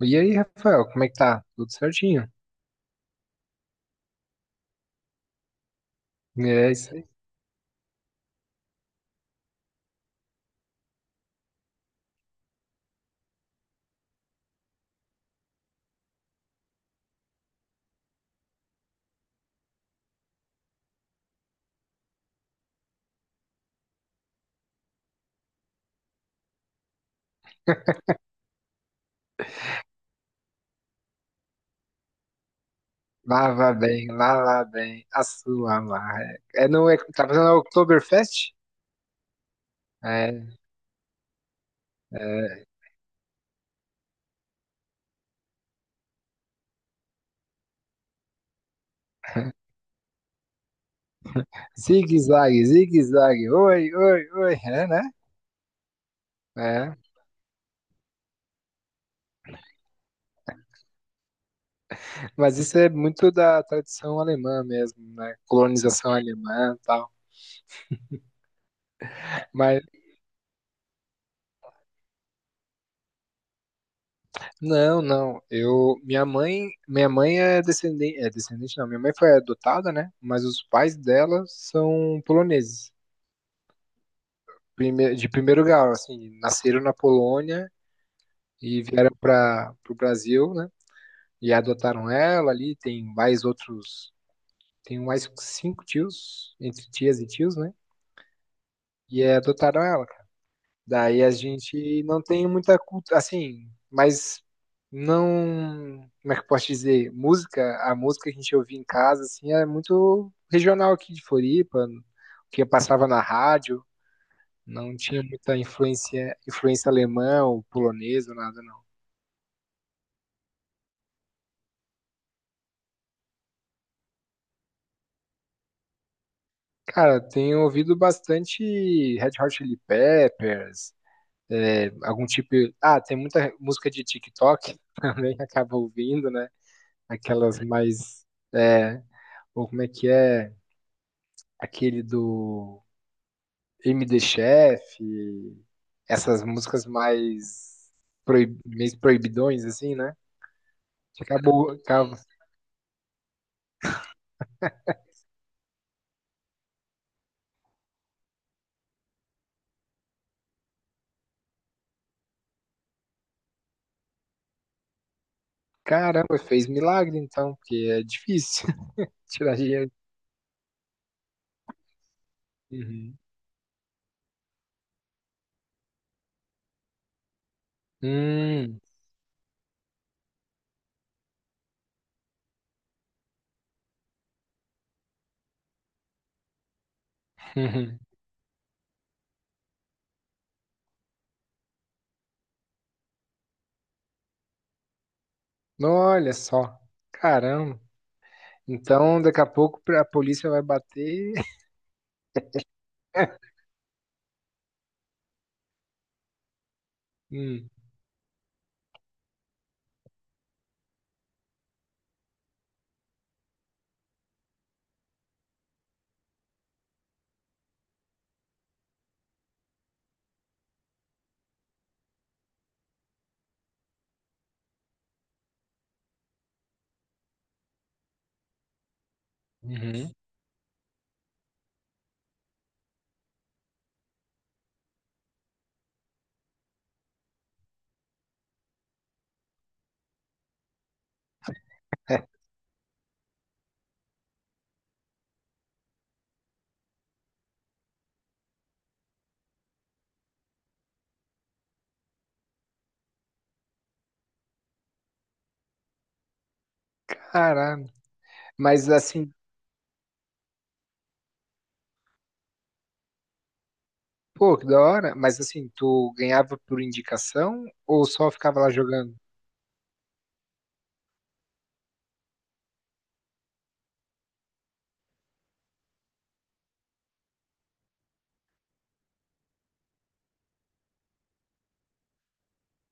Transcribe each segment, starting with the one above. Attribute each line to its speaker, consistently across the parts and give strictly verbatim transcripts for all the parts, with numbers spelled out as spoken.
Speaker 1: E aí, Rafael, como é que tá? Tudo certinho? É isso aí. Lá, bem, lava bem, a sua marra. É não é, tá fazendo a Oktoberfest? É, é. Zigue-zague, zigue-zague, oi, oi, oi, é, né? É, mas isso é muito da tradição alemã mesmo, né? Colonização alemã e tal. Mas, não, não, eu, minha mãe, minha mãe é descendente, é descendente não, minha mãe foi adotada, né? Mas os pais dela são poloneses. Prime- de primeiro grau, assim, nasceram na Polônia e vieram para o Brasil, né? E adotaram ela ali, tem mais outros, tem mais cinco tios, entre tias e tios, né? E eh, adotaram ela, cara. Daí a gente não tem muita cultura, assim, mas não, como é que eu posso dizer? Música, a música que a gente ouvia em casa, assim, é muito regional aqui de Floripa, que passava na rádio. Não tinha muita influência, influência alemã ou polonesa, nada não. Cara, tenho ouvido bastante Red Hot Chili Peppers, é, algum tipo. Ah, tem muita música de TikTok também que acaba ouvindo, né? Aquelas mais. É, ou como é que é? Aquele do M D Chef, essas músicas mais proib, meio proibidões, assim, né? Que Acabou, acaba, caramba, fez milagre então, porque é difícil. Tirar dinheiro. Uhum. Hum. Uhum. Olha só. Caramba. Então, daqui a pouco a polícia vai bater. Hum. Uhum. Caramba. Mas assim, pô, que da hora. Mas assim, tu ganhava por indicação ou só ficava lá jogando?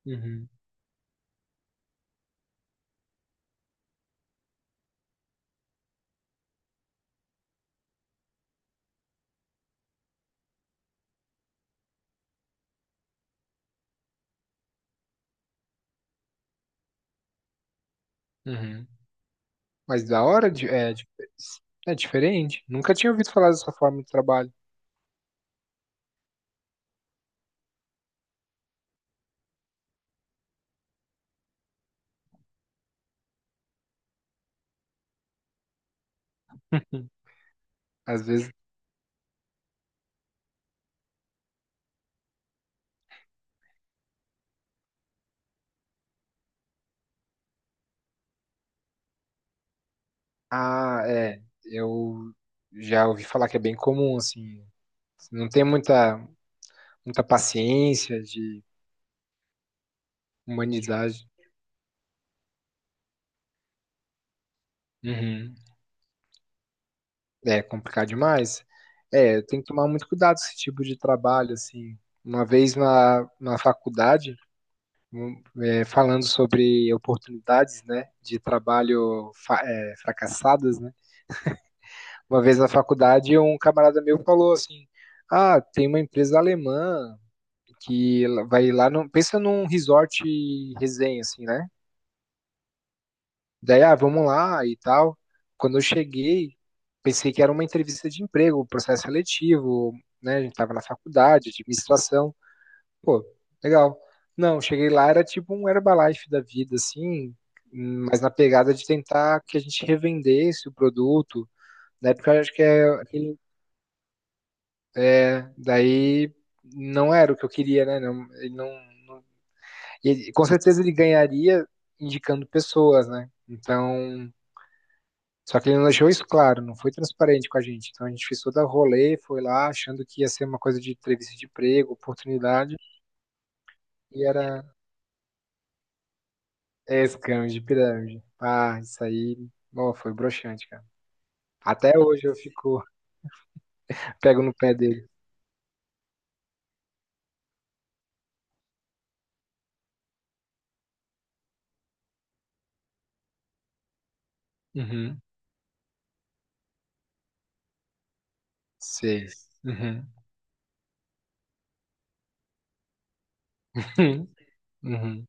Speaker 1: Uhum, uhum. Mas da hora de- é, de- é diferente. Nunca tinha ouvido falar dessa forma de trabalho. Às vezes, ah, é, eu já ouvi falar que é bem comum, assim. Não tem muita, Muita paciência de humanidade. Uhum. É complicado demais. É, tem que tomar muito cuidado com esse tipo de trabalho, assim. Uma vez na, na faculdade, um, é, falando sobre oportunidades, né, de trabalho fa- é, fracassadas, né? Uma vez na faculdade, um camarada meu falou assim, ah, tem uma empresa alemã que ela vai lá, no, pensa num resort resenha, assim, né? Daí, ah, vamos lá e tal. Quando eu cheguei, pensei que era uma entrevista de emprego, um processo seletivo, né? A gente tava na faculdade, administração. Pô, legal. Não, cheguei lá, era tipo um Herbalife da vida, assim, mas na pegada de tentar que a gente revendesse o produto. Na época, eu acho que é, aquele- é, daí não era o que eu queria, né? Não, ele não, não- e ele- com certeza ele ganharia indicando pessoas, né? Então, só que ele não deixou isso claro, não foi transparente com a gente. Então a gente fez toda a rolê, foi lá achando que ia ser uma coisa de entrevista de emprego, oportunidade, e era é, scam de pirâmide. Ah, isso aí, ó, foi broxante, cara. Até hoje eu fico, pego no pé dele. Uhum. Sei. Uhum. Uhum.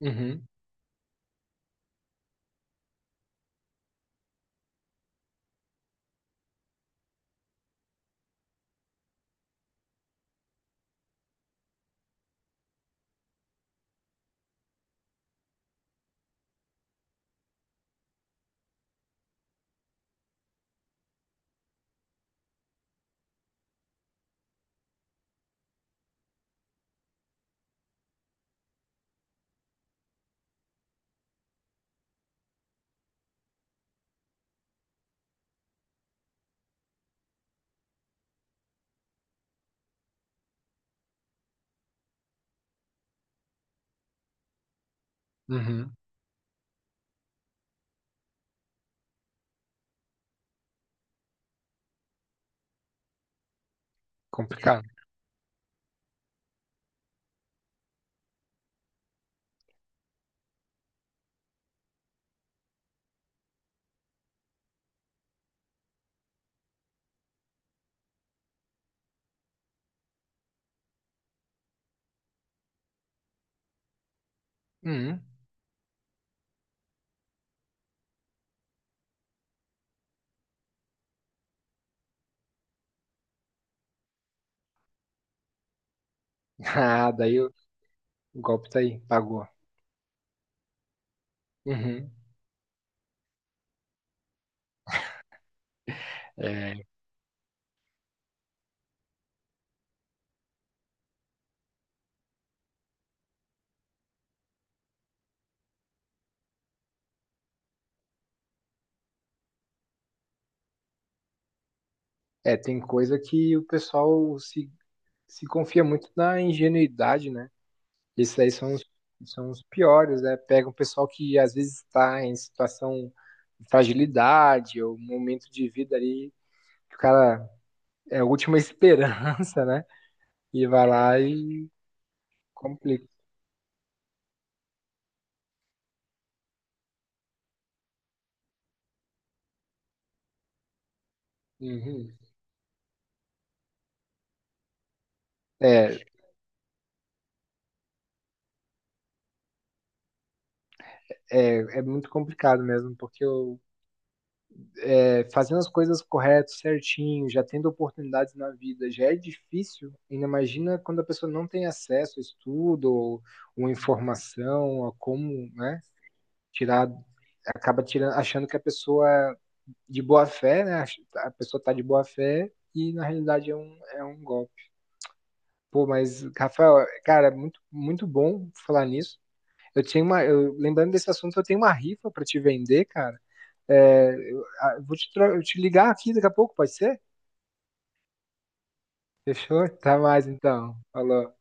Speaker 1: Uhum. Uhum. Uhum. Complicado. Uhum. Ah, daí o o golpe tá aí, pagou. Uhum. É, é, Tem coisa que o pessoal se, se confia muito na ingenuidade, né? Esses aí são os, são os piores, né? Pega um pessoal que às vezes está em situação de fragilidade ou um momento de vida ali que o cara é a última esperança, né? E vai lá e complica. Uhum. É, é, É muito complicado mesmo, porque eu, é, fazendo as coisas corretas, certinho, já tendo oportunidades na vida, já é difícil. Ainda imagina quando a pessoa não tem acesso a estudo ou, ou informação, a como, né, tirar acaba tirando, achando que a pessoa é de boa fé, né? A pessoa tá de boa fé e na realidade é um, é um golpe. Pô, mas, Rafael, cara, muito, muito bom falar nisso. Eu tinha uma. Eu, lembrando desse assunto, eu tenho uma rifa para te vender, cara. É, eu, ah, eu vou te, Eu te ligar aqui daqui a pouco, pode ser? Fechou? Tá mais então. Falou.